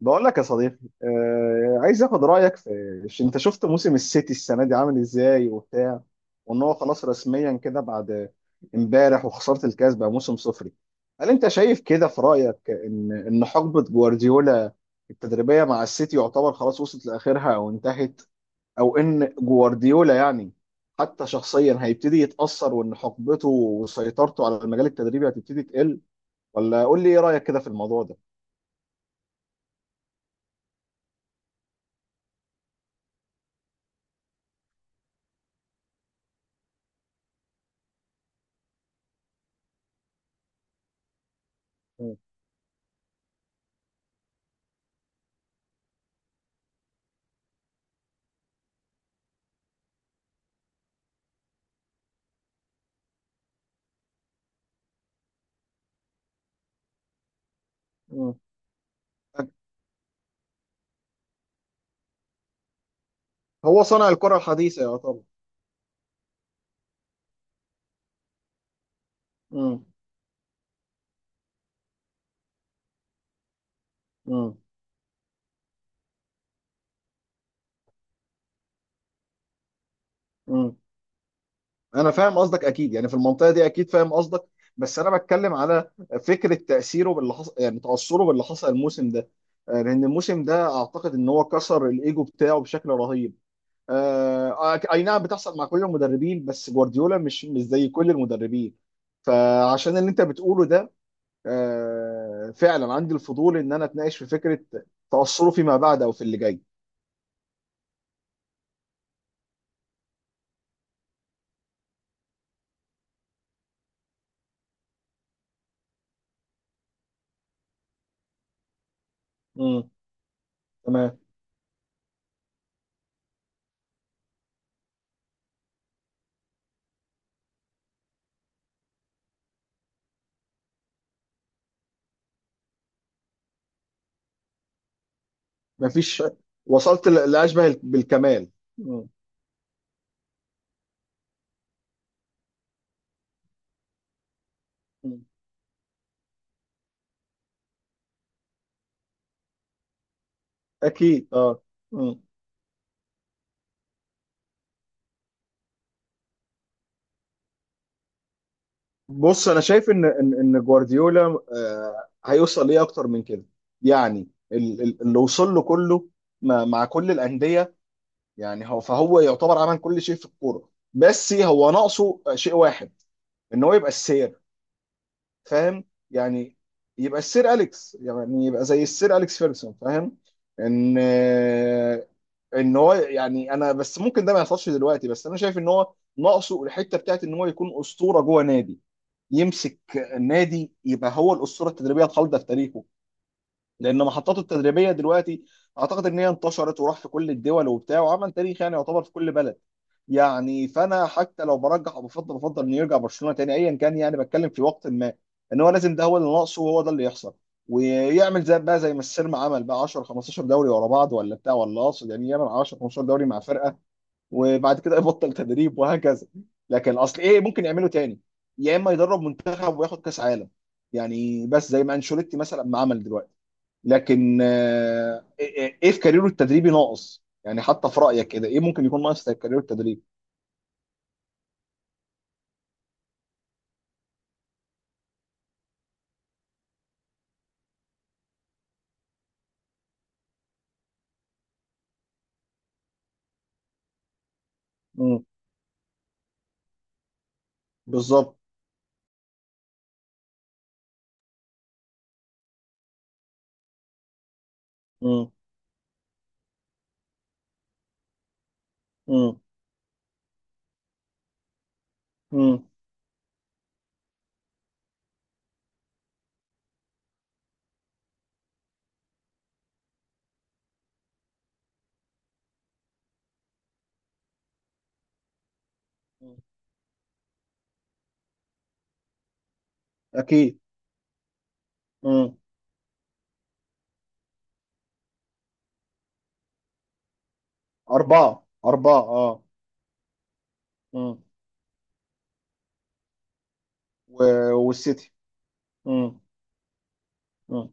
بقول لك يا صديقي. آه، عايز اخد رايك في انت شفت موسم السيتي السنه دي عامل ازاي وبتاع، وان هو خلاص رسميا كده بعد امبارح وخساره الكاس بقى موسم صفري. هل انت شايف كده، في رايك ان حقبه جوارديولا التدريبيه مع السيتي يعتبر خلاص وصلت لاخرها او انتهت، او ان جوارديولا يعني حتى شخصيا هيبتدي يتاثر، وان حقبته وسيطرته على المجال التدريبي هتبتدي تقل؟ ولا قول لي ايه رايك كده في الموضوع ده؟ مم. مم. هو صنع الكرة الحديثة، يا طبعا. مم. مم. مم. أنا فاهم قصدك أكيد، يعني في المنطقة دي أكيد فاهم قصدك، بس أنا بتكلم على فكرة تأثيره باللي حصل، يعني تأثره باللي حصل الموسم ده. آه، لأن الموسم ده أعتقد إن هو كسر الإيجو بتاعه بشكل رهيب. آه، أي نعم بتحصل مع كل المدربين، بس جوارديولا مش زي كل المدربين. فعشان اللي أنت بتقوله ده، آه، فعلا عندي الفضول إن أنا أتناقش في فكرة تأثره فيما بعد أو في اللي جاي. مم. تمام. مفيش. وصلت لاشبه بالكمال. مم. مم. اكيد، اه. مم. بص انا شايف ان جوارديولا آه هيوصل ليه اكتر من كده، يعني اللي وصل له كله مع كل الانديه. يعني هو فهو يعتبر عمل كل شيء في الكوره، بس هو ناقصه شيء واحد، ان هو يبقى السير، فاهم؟ يعني يبقى السير اليكس، يعني يبقى زي السير اليكس فيرسون، فاهم؟ ان آه، ان هو يعني انا بس ممكن ده ما يحصلش دلوقتي، بس انا شايف ان هو ناقصه الحته بتاعت ان هو يكون اسطوره جوه نادي، يمسك نادي يبقى هو الاسطوره التدريبيه الخالده في تاريخه. لان محطاته التدريبيه دلوقتي اعتقد ان هي انتشرت وراح في كل الدول وبتاع، وعمل تاريخ يعني يعتبر في كل بلد. يعني فانا حتى لو برجح او بفضل انه يرجع برشلونه تاني ايا كان، يعني بتكلم في وقت ما، ان هو لازم ده هو اللي ناقصه وهو ده اللي يحصل، ويعمل زي بقى زي ما السيرما عمل بقى 10 15 دوري ورا بعض ولا بتاع، ولا اقصد يعني يعمل 10 15 دوري مع فرقه، وبعد كده يبطل تدريب وهكذا. لكن اصل ايه ممكن يعمله تاني؟ يا اما يدرب منتخب وياخد كاس عالم، يعني بس زي ما انشيلوتي مثلا ما عمل دلوقتي. لكن آه، ايه إيه إيه في كاريره التدريبي ناقص يعني، حتى في رايك كده ايه ممكن يكون ناقص في كاريره التدريب؟ مم. بالظبط. مم. مم. مم. اكيد. مم. اربعه، اربعه، اه. مم. والسيتي. مم. مم.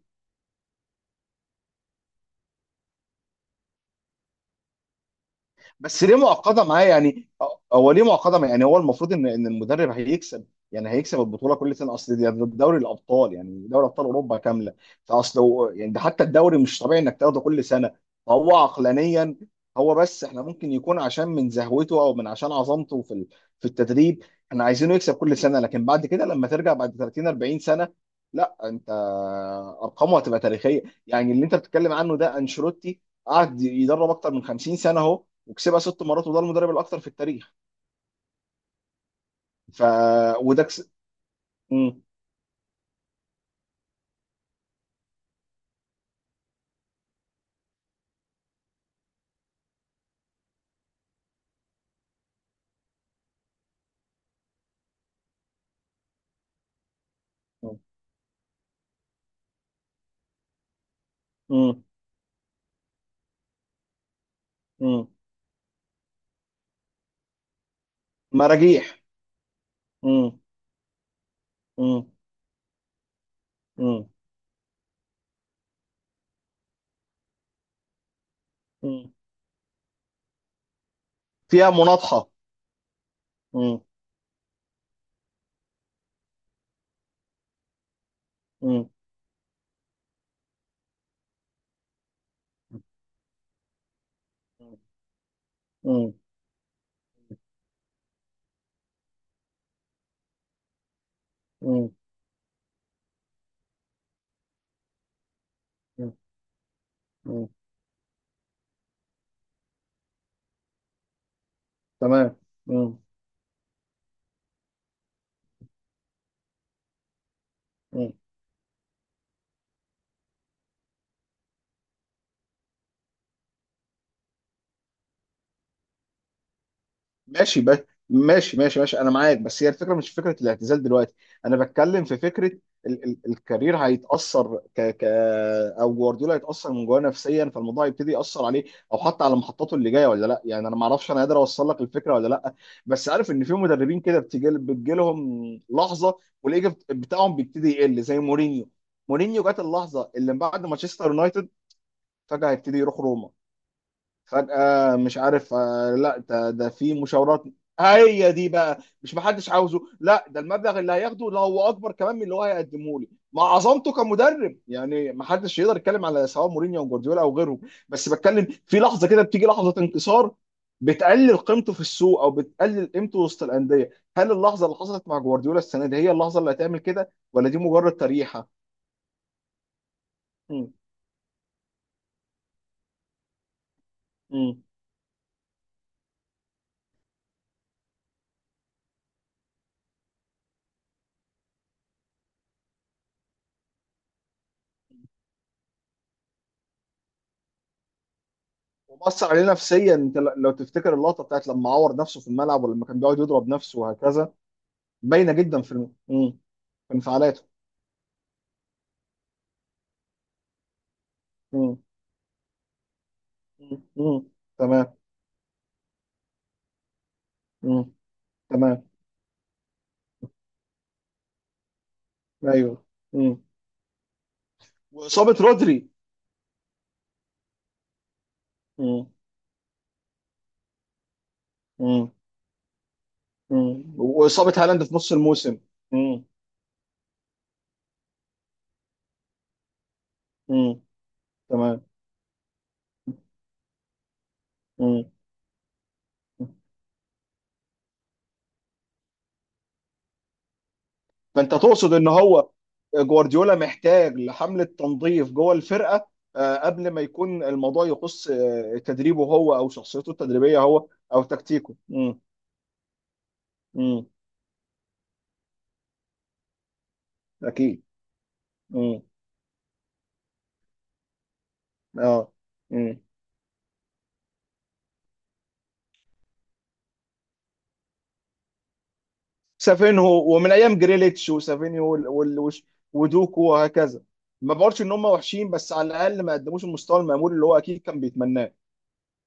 بس ليه معقده معاه يعني، هو ليه معقده معاه؟ يعني هو المفروض ان المدرب هيكسب، يعني هيكسب البطوله كل سنه، اصل دي ده دوري الابطال، يعني دوري ابطال اوروبا كامله. فاصل يعني ده حتى الدوري مش طبيعي انك تاخده كل سنه، فهو عقلانيا. هو بس احنا ممكن يكون عشان من زهوته او من عشان عظمته في في التدريب احنا عايزينه يكسب كل سنه، لكن بعد كده لما ترجع بعد 30 40 سنه، لا انت ارقامه هتبقى تاريخيه. يعني اللي انت بتتكلم عنه ده انشيلوتي قعد يدرب اكتر من 50 سنه اهو، وكسبها ست مرات، وده المدرب الاكثر في التاريخ. ف. وده كس... مم. مم. مم. مم. مراجيح. مم. مم. مم. مم. فيها مناطحة. مم. مم. مم. مم. مم. مم. تمام. مم. مم. ماشي بس. ماشي ماشي ماشي، انا معاك، بس هي الفكره مش فكره الاعتزال دلوقتي. انا بتكلم في فكره ال ال الكارير هيتاثر، ك ك او جوارديولا هيتاثر من جواه نفسيا، فالموضوع هيبتدي ياثر عليه او حتى على محطاته اللي جايه ولا لا. يعني انا ما اعرفش انا قادر اوصل لك الفكره ولا لا، بس عارف ان في مدربين كده بتجي لهم لحظه، والايجو بتاعهم بيبتدي يقل زي مورينيو. مورينيو جات اللحظه اللي بعد مانشستر يونايتد، فجاه هيبتدي يروح روما، فجأة مش عارف. آه، لا ده في مشاورات. هي دي بقى. مش محدش عاوزه، لا ده المبلغ اللي هياخده ده هو اكبر كمان من اللي هو هيقدمه لي مع عظمته كمدرب، يعني محدش يقدر يتكلم على سواء مورينيو او جوارديولا او غيرهم. بس بتكلم في لحظه كده، بتيجي لحظه انكسار، بتقلل قيمته في السوق او بتقلل قيمته وسط الانديه. هل اللحظه اللي حصلت مع جوارديولا السنه دي هي اللحظه اللي هتعمل كده، ولا دي مجرد تريحه؟ مم. مم. ومأثر عليه نفسيا، انت لو تفتكر اللقطه بتاعت لما عور نفسه في الملعب ولما كان بيقعد يضرب نفسه وهكذا، باينه جدا في الم... مم. في انفعالاته. مم. مم. مم. تمام. مم. تمام. ايوه. مم. واصابه رودري. مم. مم. مم. واصابه هالاند في نص الموسم. مم. مم. تمام. مم. فانت تقصد ان هو جوارديولا محتاج لحملة تنظيف جوه الفرقة، آه، قبل ما يكون الموضوع يخص آه، تدريبه هو او شخصيته التدريبية هو او تكتيكه. امم. امم. اكيد. امم. اه. امم. سافينهو ومن ايام جريليتش وسافينيو ودوكو وهكذا، ما بقولش ان هم وحشين بس على الاقل ما قدموش المستوى المأمول اللي هو اكيد كان بيتمناه.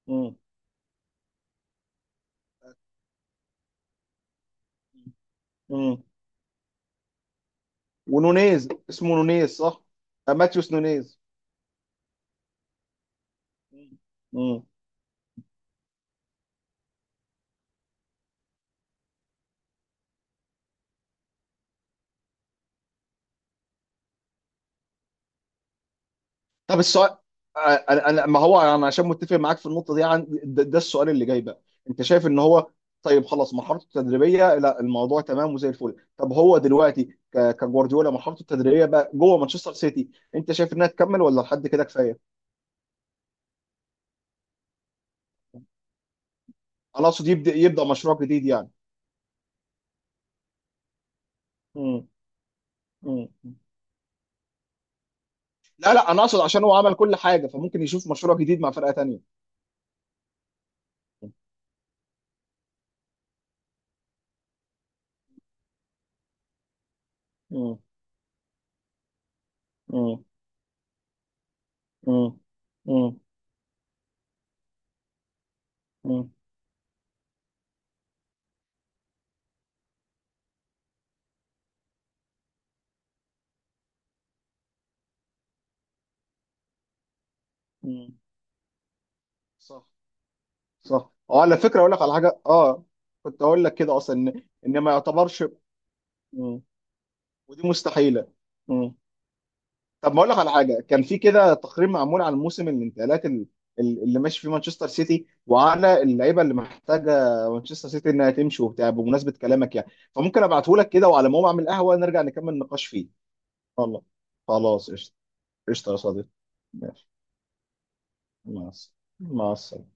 امم. امم. ونونيز، اسمه نونيز صح؟ آه، ماتيوس نونيز. امم. طب السؤال، آه، انا ما هو انا عشان متفق معاك في النقطه دي عن ده. ده السؤال اللي جاي بقى، انت شايف ان هو طيب خلاص مرحلته التدريبيه لا، الموضوع تمام وزي الفل. طب هو دلوقتي كجوارديولا مرحلته التدريبيه بقى جوه مانشستر سيتي، انت شايف انها تكمل ولا لحد كده كفايه؟ انا اقصد يبدا مشروع جديد يعني. مم. مم. لا لا، انا اقصد عشان هو عمل كل حاجه فممكن يشوف مشروع جديد مع فرقه تانيه. مم. مم. مم. مم. مم. مم. صح. صح، اه، على فكره اقول لك على حاجه، اه، كنت اقول لك كده اصلا ان ما يعتبرش. مم. ودي مستحيله. مم. طب ما اقول لك على حاجه، كان في كده تقرير معمول عن موسم الانتقالات اللي ماشي فيه مانشستر سيتي وعلى اللعيبه اللي محتاجه مانشستر سيتي انها تمشي وبتاع، بمناسبه كلامك يعني فممكن ابعته لك كده، وعلى ما اقوم اعمل قهوه نرجع نكمل النقاش فيه. والله. خلاص، قشطه. قشطه يا صديقي. ماشي. مع السلامه، مع السلامه.